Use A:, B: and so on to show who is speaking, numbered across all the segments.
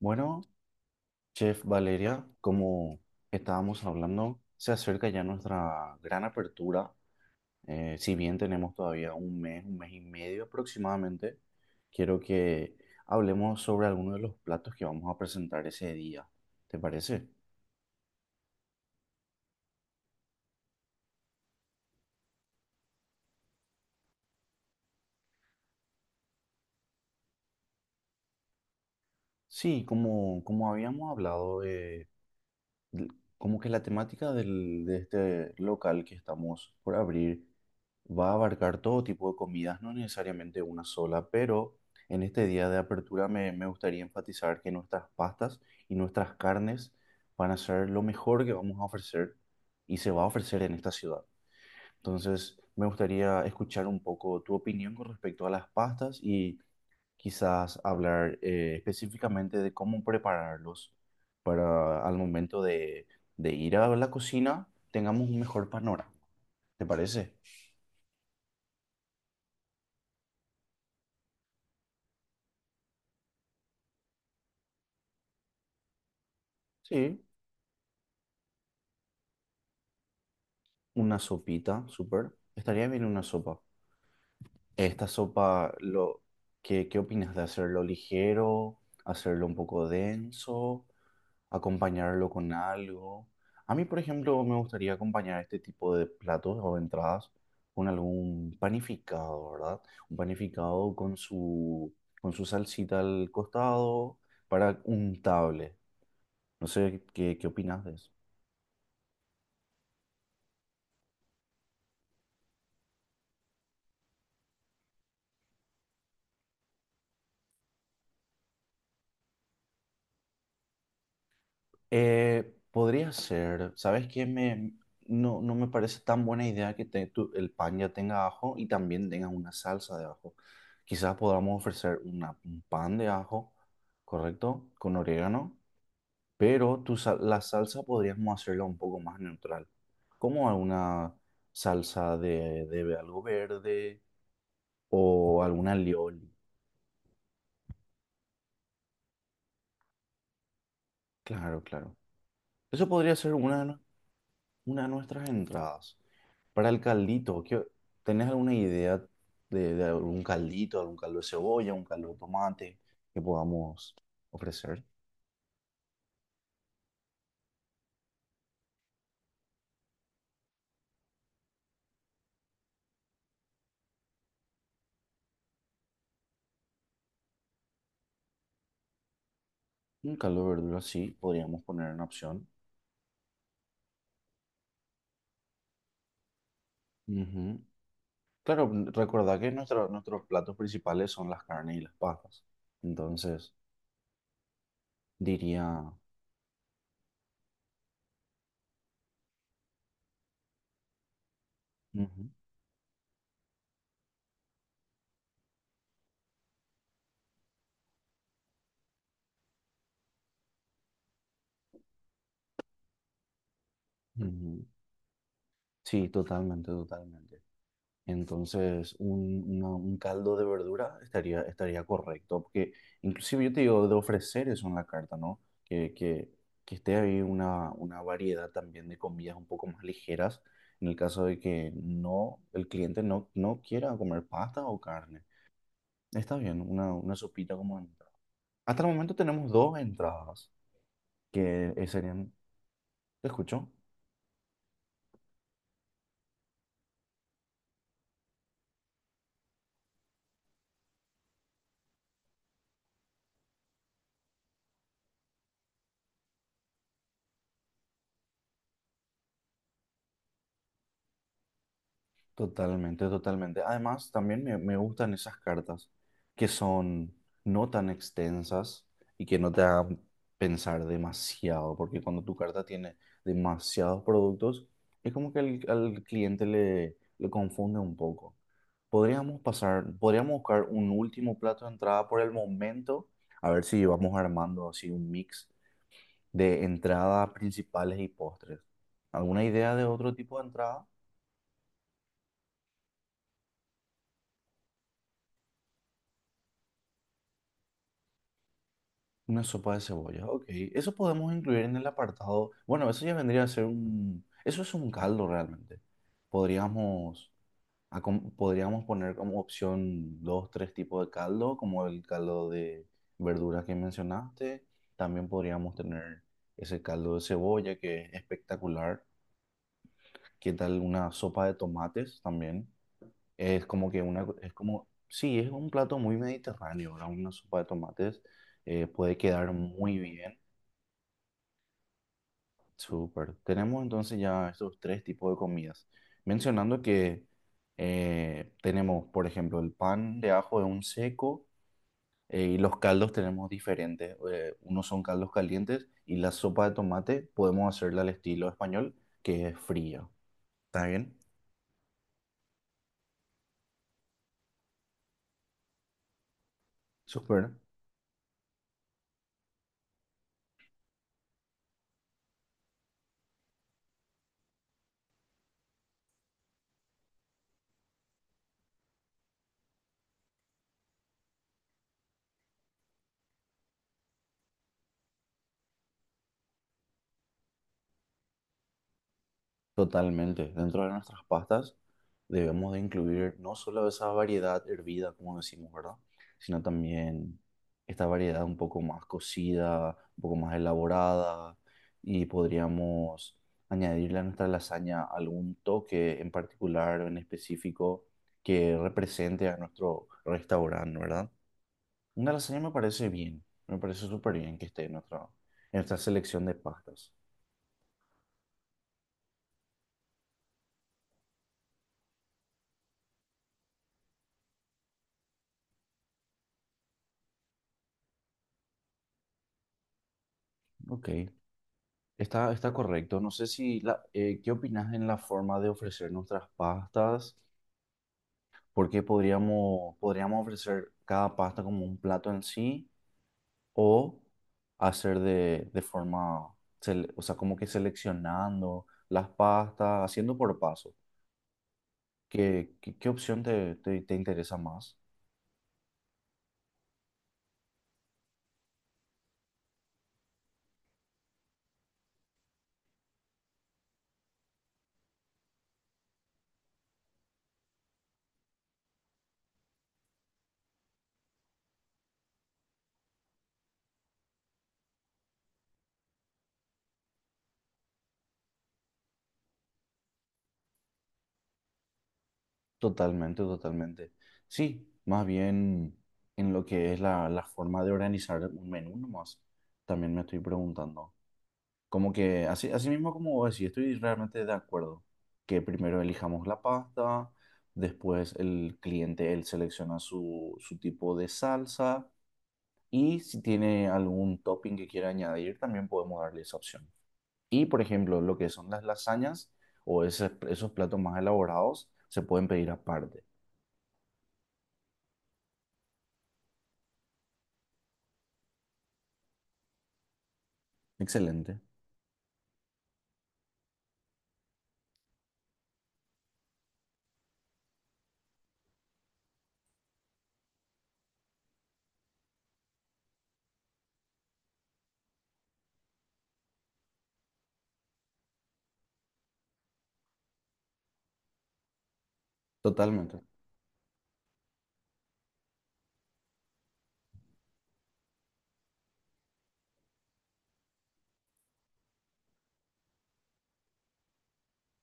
A: Bueno, Chef Valeria, como estábamos hablando, se acerca ya nuestra gran apertura. Si bien tenemos todavía un mes y medio aproximadamente, quiero que hablemos sobre algunos de los platos que vamos a presentar ese día. ¿Te parece? Sí, como habíamos hablado, l- como que la temática de este local que estamos por abrir va a abarcar todo tipo de comidas, no necesariamente una sola, pero en este día de apertura me gustaría enfatizar que nuestras pastas y nuestras carnes van a ser lo mejor que vamos a ofrecer y se va a ofrecer en esta ciudad. Entonces, me gustaría escuchar un poco tu opinión con respecto a las pastas y quizás hablar específicamente de cómo prepararlos para al momento de ir a la cocina tengamos un mejor panorama. ¿Te parece? Sí, una sopita, súper. Estaría bien una sopa. Esta sopa, ¿qué, qué opinas de hacerlo ligero, hacerlo un poco denso, acompañarlo con algo? A mí, por ejemplo, me gustaría acompañar este tipo de platos o entradas con algún panificado, ¿verdad? Un panificado con con su salsita al costado para untable. No sé qué opinas de eso. Podría ser, ¿sabes qué? No, no me parece tan buena idea que el pan ya tenga ajo y también tenga una salsa de ajo. Quizás podamos ofrecer un pan de ajo, ¿correcto? Con orégano, pero la salsa podríamos hacerla un poco más neutral, como alguna salsa de algo verde o alguna alioli. Claro, claro. Eso podría ser una de nuestras entradas. Para el caldito, ¿tenés alguna idea de algún caldito, algún caldo de cebolla, un caldo de tomate que podamos ofrecer? Un caldo de verdura, sí, podríamos poner en opción. Ujú. Claro, recordá que nuestros platos principales son las carnes y las pastas. Entonces, diría... Ujú, ujú. Sí, totalmente, totalmente. Entonces, un caldo de verdura estaría, estaría correcto, porque inclusive yo te digo de ofrecer eso en la carta, ¿no? Que esté ahí una variedad también de comidas un poco más ligeras, en el caso de que no, el cliente no, no quiera comer pasta o carne. Está bien, una sopita como entrada. Hasta el momento tenemos dos entradas, que serían, ¿te escucho? Totalmente, totalmente. Además, también me gustan esas cartas que son no tan extensas y que no te hagan pensar demasiado, porque cuando tu carta tiene demasiados productos, es como que al cliente le confunde un poco. Podríamos buscar un último plato de entrada por el momento, a ver si vamos armando así un mix de entradas principales y postres. ¿Alguna idea de otro tipo de entrada? Una sopa de cebolla, ok. Eso podemos incluir en el apartado. Bueno, eso ya vendría a ser un. Eso es un caldo realmente. Podríamos, podríamos poner como opción dos, tres tipos de caldo, como el caldo de verduras que mencionaste. También podríamos tener ese caldo de cebolla que es espectacular. ¿Qué tal una sopa de tomates también? Es como que una. Es como. Sí, es un plato muy mediterráneo, ¿verdad? Una sopa de tomates puede quedar muy bien. Súper. Tenemos entonces ya estos tres tipos de comidas. Mencionando que tenemos, por ejemplo, el pan de ajo es un seco y los caldos tenemos diferentes. Unos son caldos calientes y la sopa de tomate podemos hacerla al estilo español, que es fría. ¿Está bien? Súper. Totalmente. Dentro de nuestras pastas debemos de incluir no solo esa variedad hervida, como decimos, ¿verdad? Sino también esta variedad un poco más cocida, un poco más elaborada y podríamos añadirle a nuestra lasaña algún toque en particular o en específico que represente a nuestro restaurante, ¿verdad? Una lasaña me parece bien, me parece súper bien que esté en en nuestra selección de pastas. Ok. Está, está correcto. No sé si la, ¿qué opinas en la forma de ofrecer nuestras pastas? Porque podríamos ofrecer cada pasta como un plato en sí o hacer o sea, como que seleccionando las pastas, haciendo por paso. ¿Qué opción te interesa más? Totalmente, totalmente. Sí, más bien en lo que es la forma de organizar un menú nomás. También me estoy preguntando. Como que así, así mismo como vos decís, estoy realmente de acuerdo que primero elijamos la pasta, después el cliente él selecciona su tipo de salsa y si tiene algún topping que quiera añadir también podemos darle esa opción. Y por ejemplo, lo que son las lasañas o esos platos más elaborados se pueden pedir aparte. Excelente, totalmente.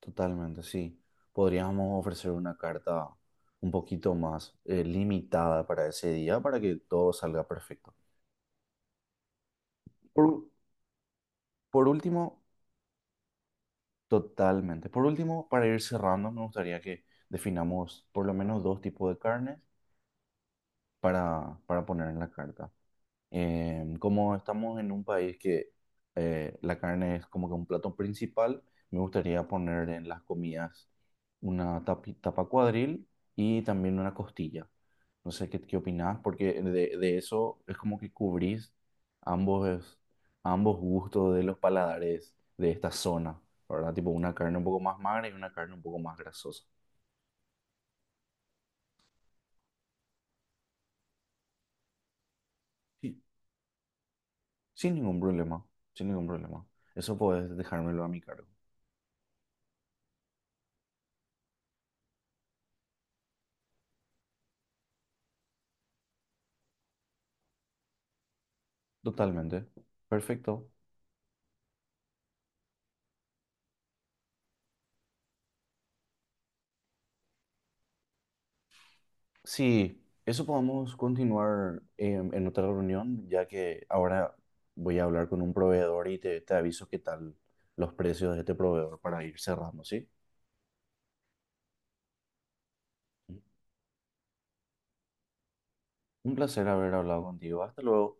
A: Totalmente, sí. Podríamos ofrecer una carta un poquito más limitada para ese día para que todo salga perfecto. Por, por último, totalmente. Por último, para ir cerrando, me gustaría que definamos por lo menos dos tipos de carnes para poner en la carta. Como estamos en un país que la carne es como que un plato principal, me gustaría poner en las comidas una tapa cuadril y también una costilla. No sé qué opinás, porque de eso es como que cubrís ambos, ambos gustos de los paladares de esta zona, ¿verdad? Tipo una carne un poco más magra y una carne un poco más grasosa. Sí, sin ningún problema, sin ningún problema. Eso puedes dejármelo a mi cargo. Totalmente. Perfecto. Sí, eso podemos continuar en otra reunión, ya que ahora voy a hablar con un proveedor y te aviso qué tal los precios de este proveedor para ir cerrando, ¿sí? Un placer haber hablado contigo. Hasta luego.